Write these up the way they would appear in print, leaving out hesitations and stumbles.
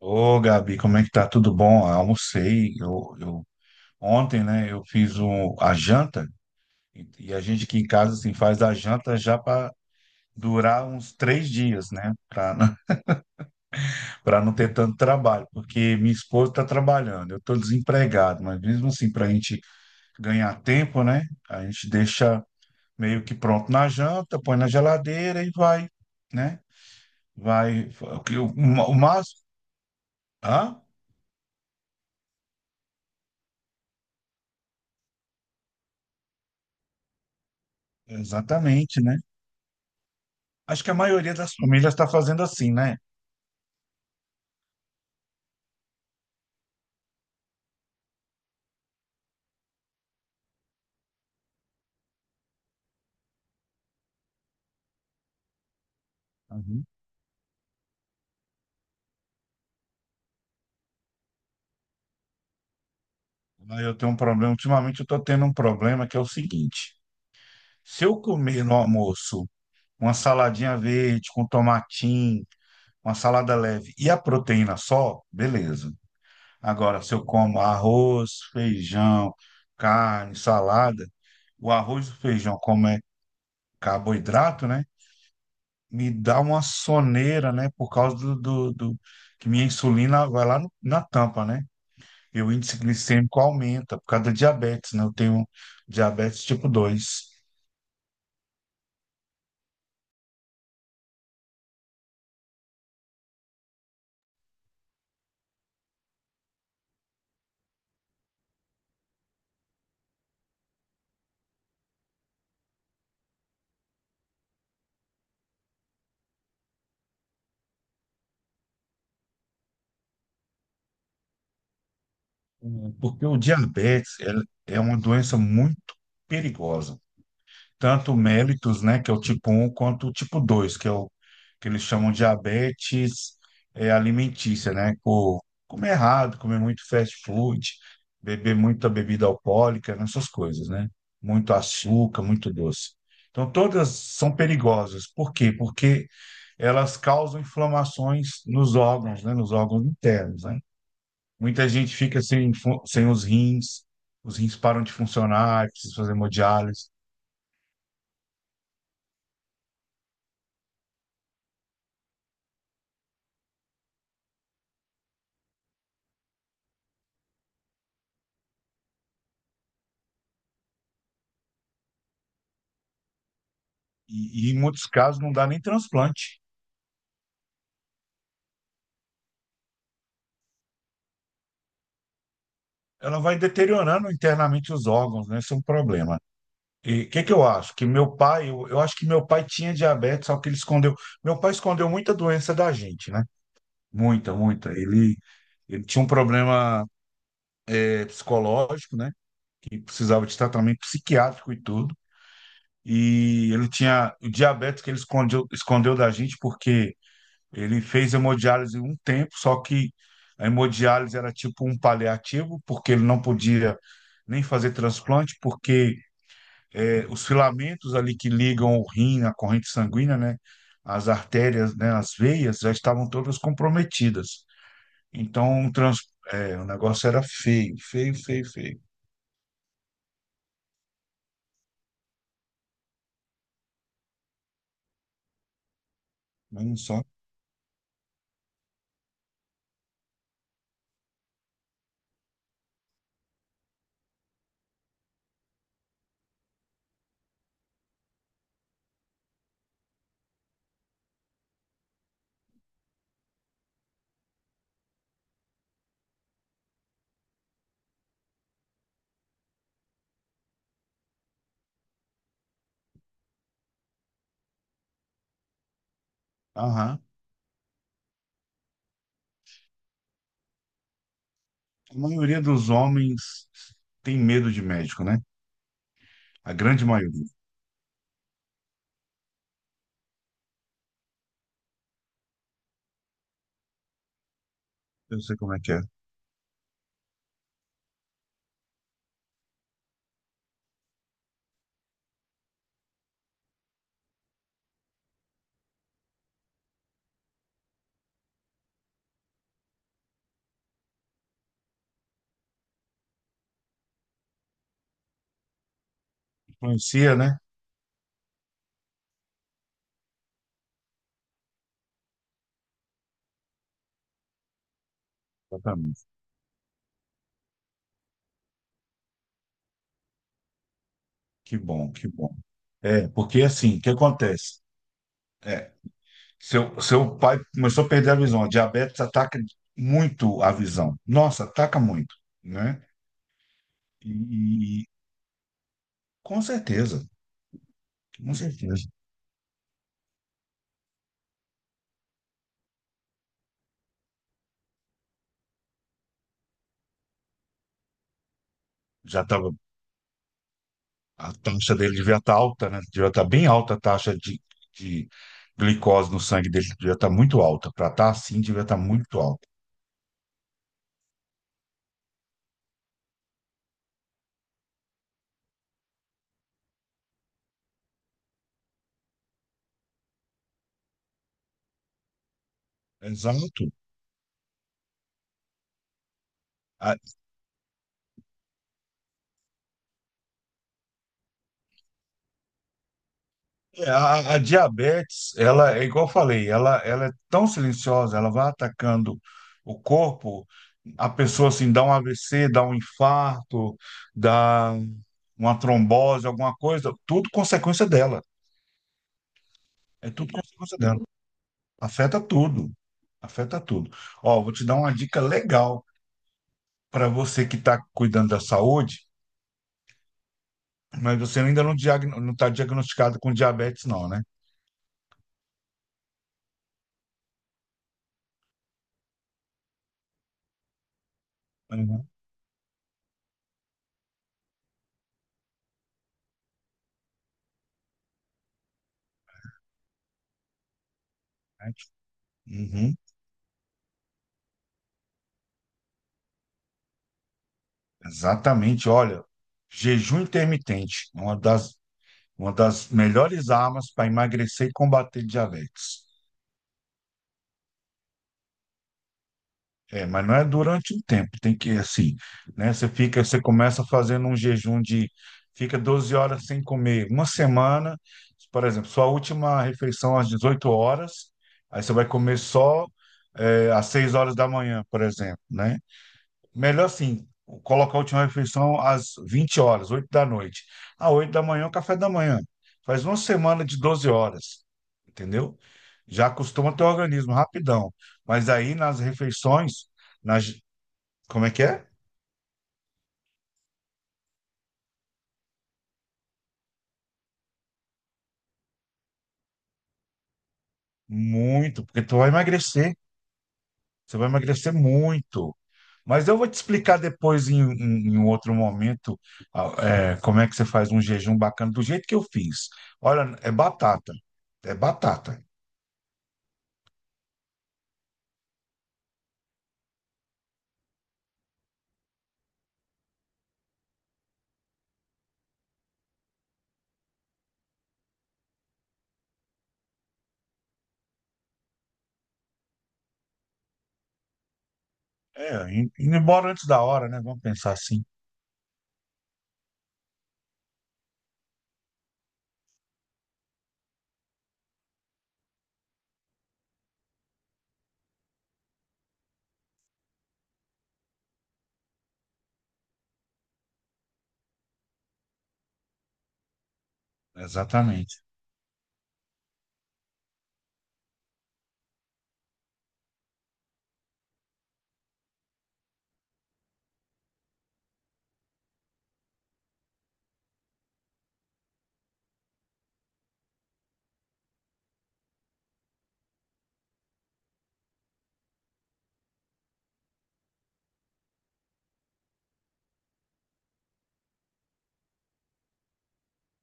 Ô, Gabi, como é que tá? Tudo bom? Almocei. Eu ontem, né, eu fiz a janta e a gente aqui em casa assim, faz a janta já para durar uns 3 dias, né? Para não, Para não ter tanto trabalho, porque minha esposa está trabalhando, eu estou desempregado, mas mesmo assim, para a gente ganhar tempo, né? A gente deixa meio que pronto na janta, põe na geladeira e vai, né? Vai. O máximo. Hã? Exatamente, né? Acho que a maioria das famílias está fazendo assim, né? Uhum. Mas eu tenho um problema, ultimamente eu estou tendo um problema que é o seguinte: se eu comer no almoço uma saladinha verde com tomatinho, uma salada leve e a proteína só, beleza. Agora, se eu como arroz, feijão, carne, salada, o arroz e o feijão, como é carboidrato, né? Me dá uma soneira, né? Por causa do que minha insulina vai lá na tampa, né? E o índice glicêmico aumenta por causa da diabetes, né? Eu tenho diabetes tipo 2. O- Porque o diabetes é é uma doença muito perigosa. Tanto o mellitus, né, que é o tipo 1, quanto o tipo 2, que é o que eles chamam de diabetes alimentícia, né? Por comer errado, comer muito fast food, beber muita bebida alcoólica, né? Essas coisas, né? Muito açúcar, muito doce. Então, todas são perigosas. Por quê? Porque elas causam inflamações nos órgãos, né, nos órgãos internos, né? Muita gente fica sem, sem os rins, os rins param de funcionar, precisa fazer hemodiálise, e em muitos casos não dá nem transplante. Ela vai deteriorando internamente os órgãos, né? Isso é um problema. E o que que eu acho? Que meu pai, eu acho que meu pai tinha diabetes, só que ele escondeu. Meu pai escondeu muita doença da gente, né? Muita, muita. Ele tinha um problema psicológico, né? Que precisava de tratamento psiquiátrico e tudo. E ele tinha o diabetes que ele escondeu, escondeu da gente porque ele fez hemodiálise um tempo, só que a hemodiálise era tipo um paliativo, porque ele não podia nem fazer transplante, porque os filamentos ali que ligam o rim à corrente sanguínea, né, as artérias, né, as veias, já estavam todas comprometidas. Então, um trans, o negócio era feio, feio, feio, feio. Olha só. Aham. A maioria dos homens tem medo de médico, né? A grande maioria. Eu sei como é que é. Influencia, né? Exatamente. Que bom, que bom. É, porque assim, o que acontece? É, seu pai começou a perder a visão. A diabetes ataca muito a visão. Nossa, ataca muito, né? E, e- com certeza, com certeza. Já estava, a taxa dele devia estar alta, né? Devia estar bem alta a taxa de glicose no sangue dele, devia estar muito alta. Para estar assim, devia estar muito alta. Exato. É, a diabetes, ela, é igual eu falei, ela é tão silenciosa, ela vai atacando o corpo, a pessoa assim dá um AVC, dá um infarto, dá uma trombose, alguma coisa, tudo consequência dela. É tudo consequência dela. Afeta tudo. Afeta tudo. Ó, vou te dar uma dica legal para você que está cuidando da saúde, mas você ainda não está diagnosticado com diabetes, não, né? Uhum. Uhum. Exatamente, olha, jejum intermitente, é uma das melhores armas para emagrecer e combater diabetes. É, mas não é durante um tempo, tem que assim, né? Você fica, você começa fazendo um jejum de fica 12 horas sem comer, uma semana, por exemplo, sua última refeição às 18 horas, aí você vai comer só às 6 horas da manhã, por exemplo, né? Melhor assim, colocar a última refeição às 20 horas, 8 da noite. À 8 da manhã, é o café da manhã. Faz uma semana de 12 horas, entendeu? Já acostuma teu organismo rapidão. Mas aí nas refeições, nas... como é que é? Muito, porque tu vai emagrecer. Você vai emagrecer muito. Mas eu vou te explicar depois, em um outro momento, a- como é que você faz um jejum bacana, do jeito que eu fiz. Olha, é batata. É batata. É, indo embora antes da hora, né? Vamos pensar assim. Exatamente.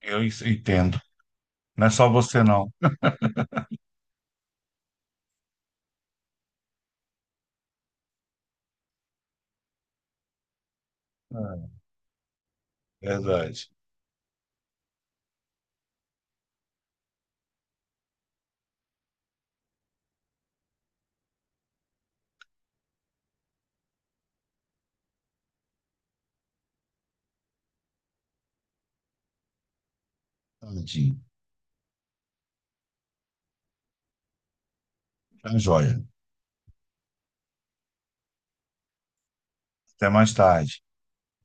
Eu entendo. Não é só você, não. É, verdade. Tadinho. Tá joia. Até mais tarde.